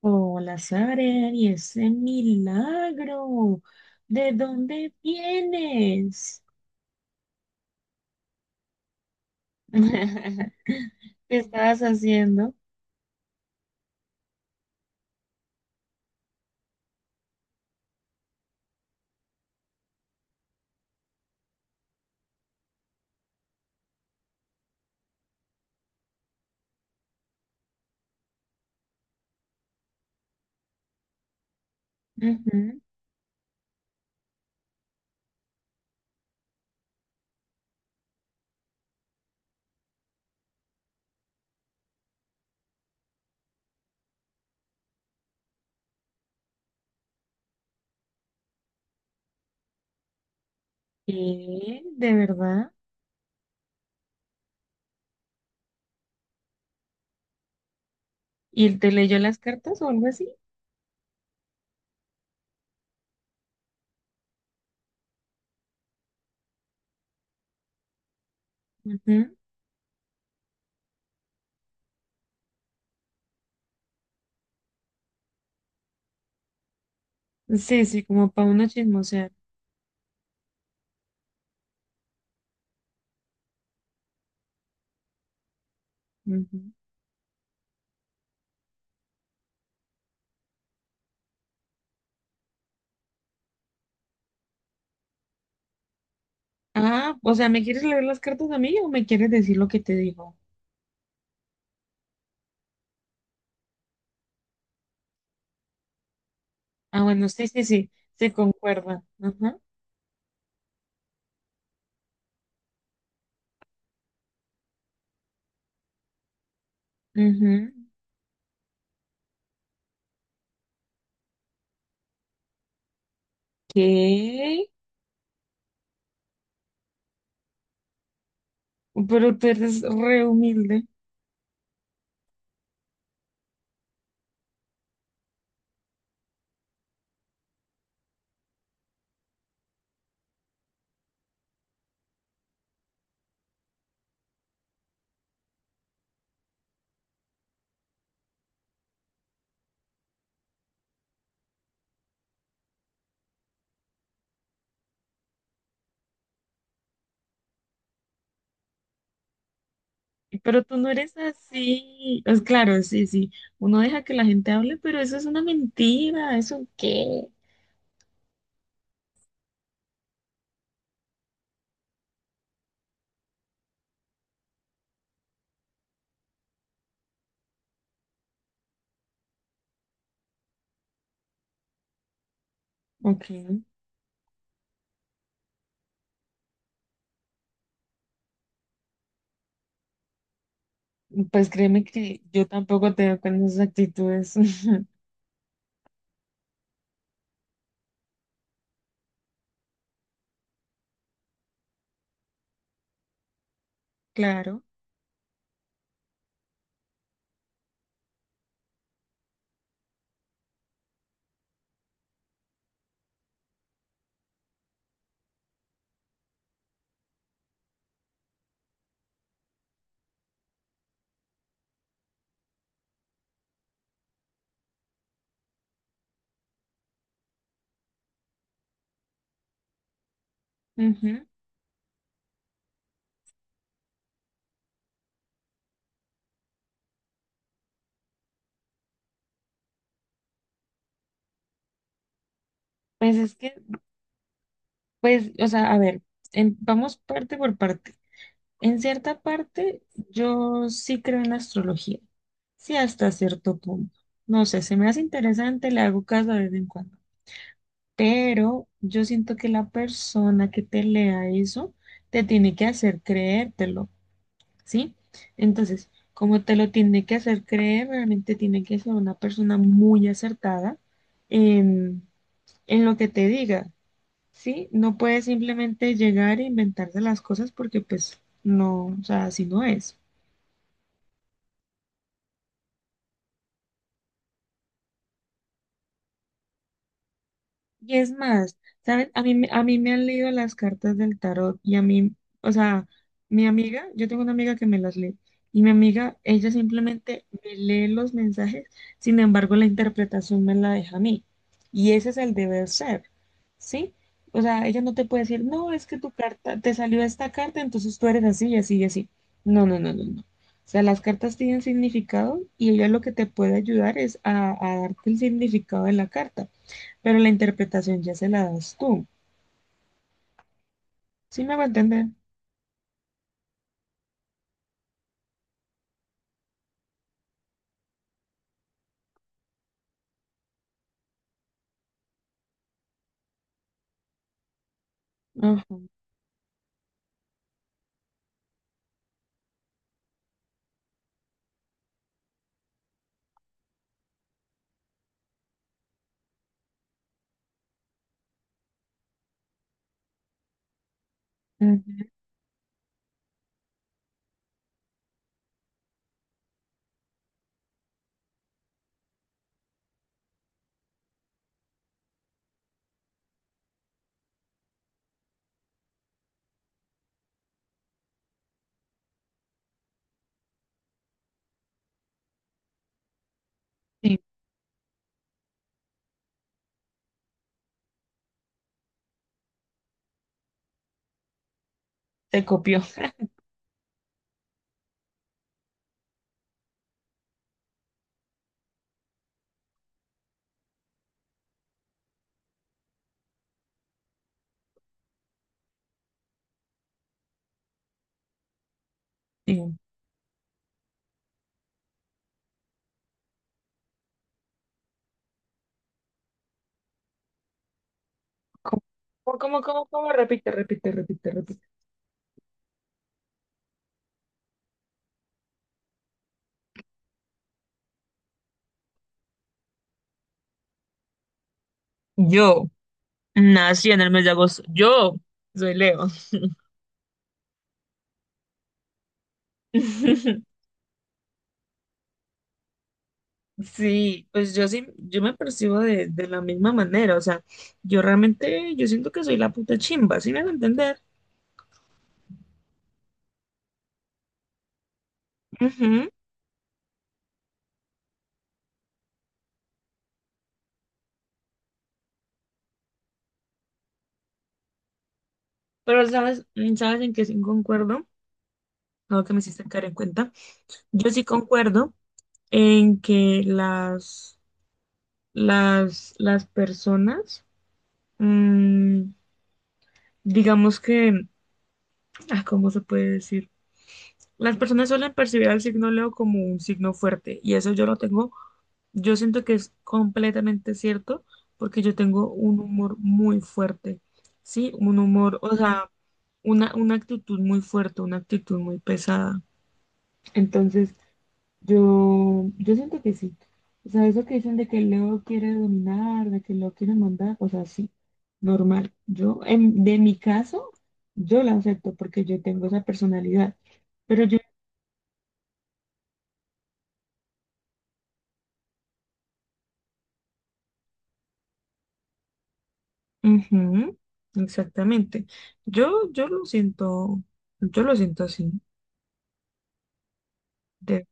Hola, Sara, y ese milagro, ¿de dónde vienes? ¿Qué estabas haciendo? Ujú. ¿Qué? ¿De verdad? ¿Y él te leyó las cartas o algo así? Ujú. Sí, sí, como para uno chismosear. Ujú. Ah, o sea, ¿me quieres leer las cartas a mí o me quieres decir lo que te digo? Ah, bueno, sí, sí, sí, se concuerda. Ajá. Ujú. ¿Qué? Pero tú eres re humilde. Pero tú no eres así. Pues claro, sí, sí. Uno deja que la gente hable, pero eso es una mentira. ¿Eso qué? Ok. Pues créeme que yo tampoco te veo con esas actitudes. Claro. Ujú. Pues es que, pues, o sea, a ver, vamos parte por parte. En cierta parte, yo sí creo en la astrología. Sí, hasta cierto punto. No sé, se me hace interesante, le hago caso de vez en cuando. Pero yo siento que la persona que te lea eso te tiene que hacer creértelo, ¿sí? Entonces, como te lo tiene que hacer creer, realmente tiene que ser una persona muy acertada en, en lo que te diga, ¿sí? No puedes simplemente llegar e inventarse las cosas porque pues no, o sea, así no es. Y es más, ¿sabes? A mí, a mí me han leído las cartas del tarot y a mí, o sea, mi amiga, yo tengo una amiga que me las lee y mi amiga, ella simplemente me lee los mensajes, sin embargo, la interpretación me la deja a mí. Y ese es el deber ser, ¿sí? O sea, ella no te puede decir, no, es que tu carta, te salió esta carta, entonces tú eres así y así y así. No, no, no, no, no. O sea, las cartas tienen significado y ella lo que te puede ayudar es a darte el significado de la carta pero la interpretación ya se la das tú. ¿Sí me hago entender? Ajá. Ujú. Sí, te copió. Sí. ¿Cómo, cómo, cómo, cómo? Repite, repite, repite, repite. Yo nací en el mes de agosto. Yo soy Leo. Sí, pues yo sí, yo me percibo de la misma manera, o sea, yo realmente, yo siento que soy la puta chimba, ¿sí me hago entender? Ujú. Pero ¿sabes, sabes en qué sí concuerdo? Algo que me hiciste caer en cuenta. Yo sí concuerdo en que las las personas, mm, digamos que, ah, ¿cómo se puede decir? Las personas suelen percibir al signo Leo como un signo fuerte y eso yo lo tengo, yo siento que es completamente cierto porque yo tengo un humor muy fuerte, ¿sí? Un humor, o sea, una actitud muy fuerte, una actitud muy pesada. Entonces, yo siento que sí. O sea, eso que dicen de que Leo quiere dominar, de que Leo quiere mandar, o sea, sí, normal. Yo, en, de mi caso, yo la acepto porque yo tengo esa personalidad. Pero yo, ujú, exactamente. Yo, yo lo siento así. de-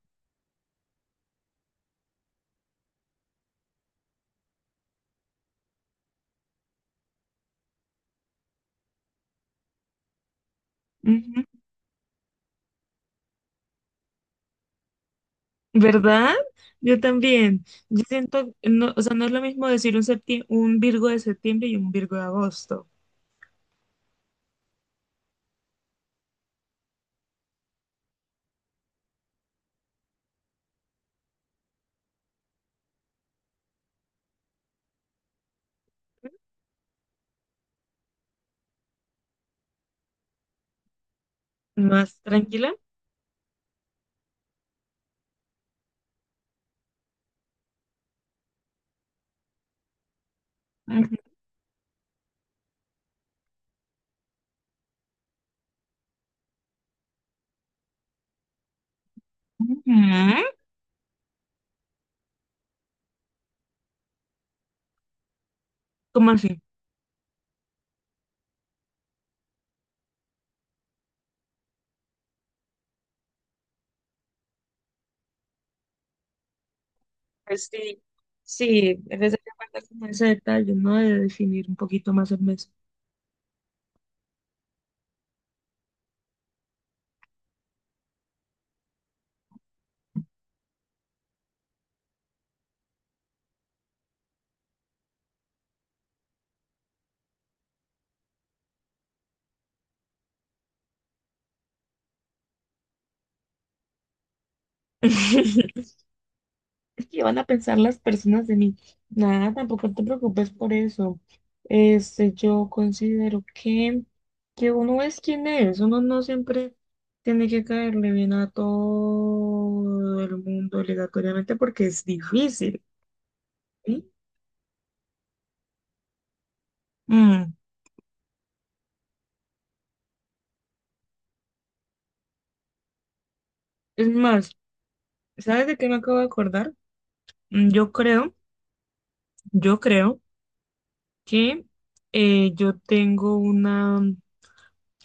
Ujú, ¿verdad? Yo también. Yo siento, no, o sea, no es lo mismo decir un un Virgo de septiembre y un Virgo de agosto. Más tranquila. Ujú. ¿Cómo así? Pues sí, sí, es necesario guardar como ese detalle, ¿no? De definir un poquito más el mes. Es que van a pensar las personas de mí. Nada, tampoco te preocupes por eso. Este, yo considero que uno es quien es, uno no siempre tiene que caerle bien a todo el mundo obligatoriamente porque es difícil, ¿sí? Mm, es más, ¿sabes de qué me acabo de acordar? Yo creo, yo creo que yo tengo una,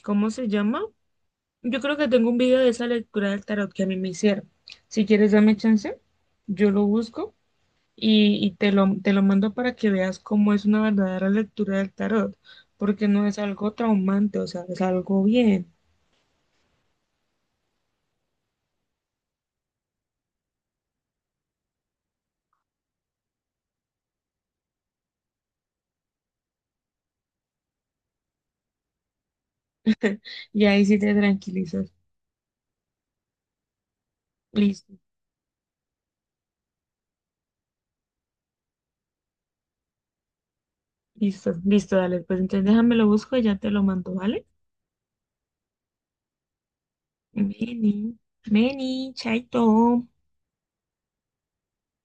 ¿cómo se llama? Yo creo que tengo un video de esa lectura del tarot que a mí me hicieron. Si quieres, dame chance, yo lo busco y te lo mando para que veas cómo es una verdadera lectura del tarot, porque no es algo traumante, o sea, es algo bien. Y ahí sí te tranquilizas. Listo, listo, listo, dale. Pues entonces déjame lo busco y ya te lo mando, ¿vale? Meni, Meni, chaito.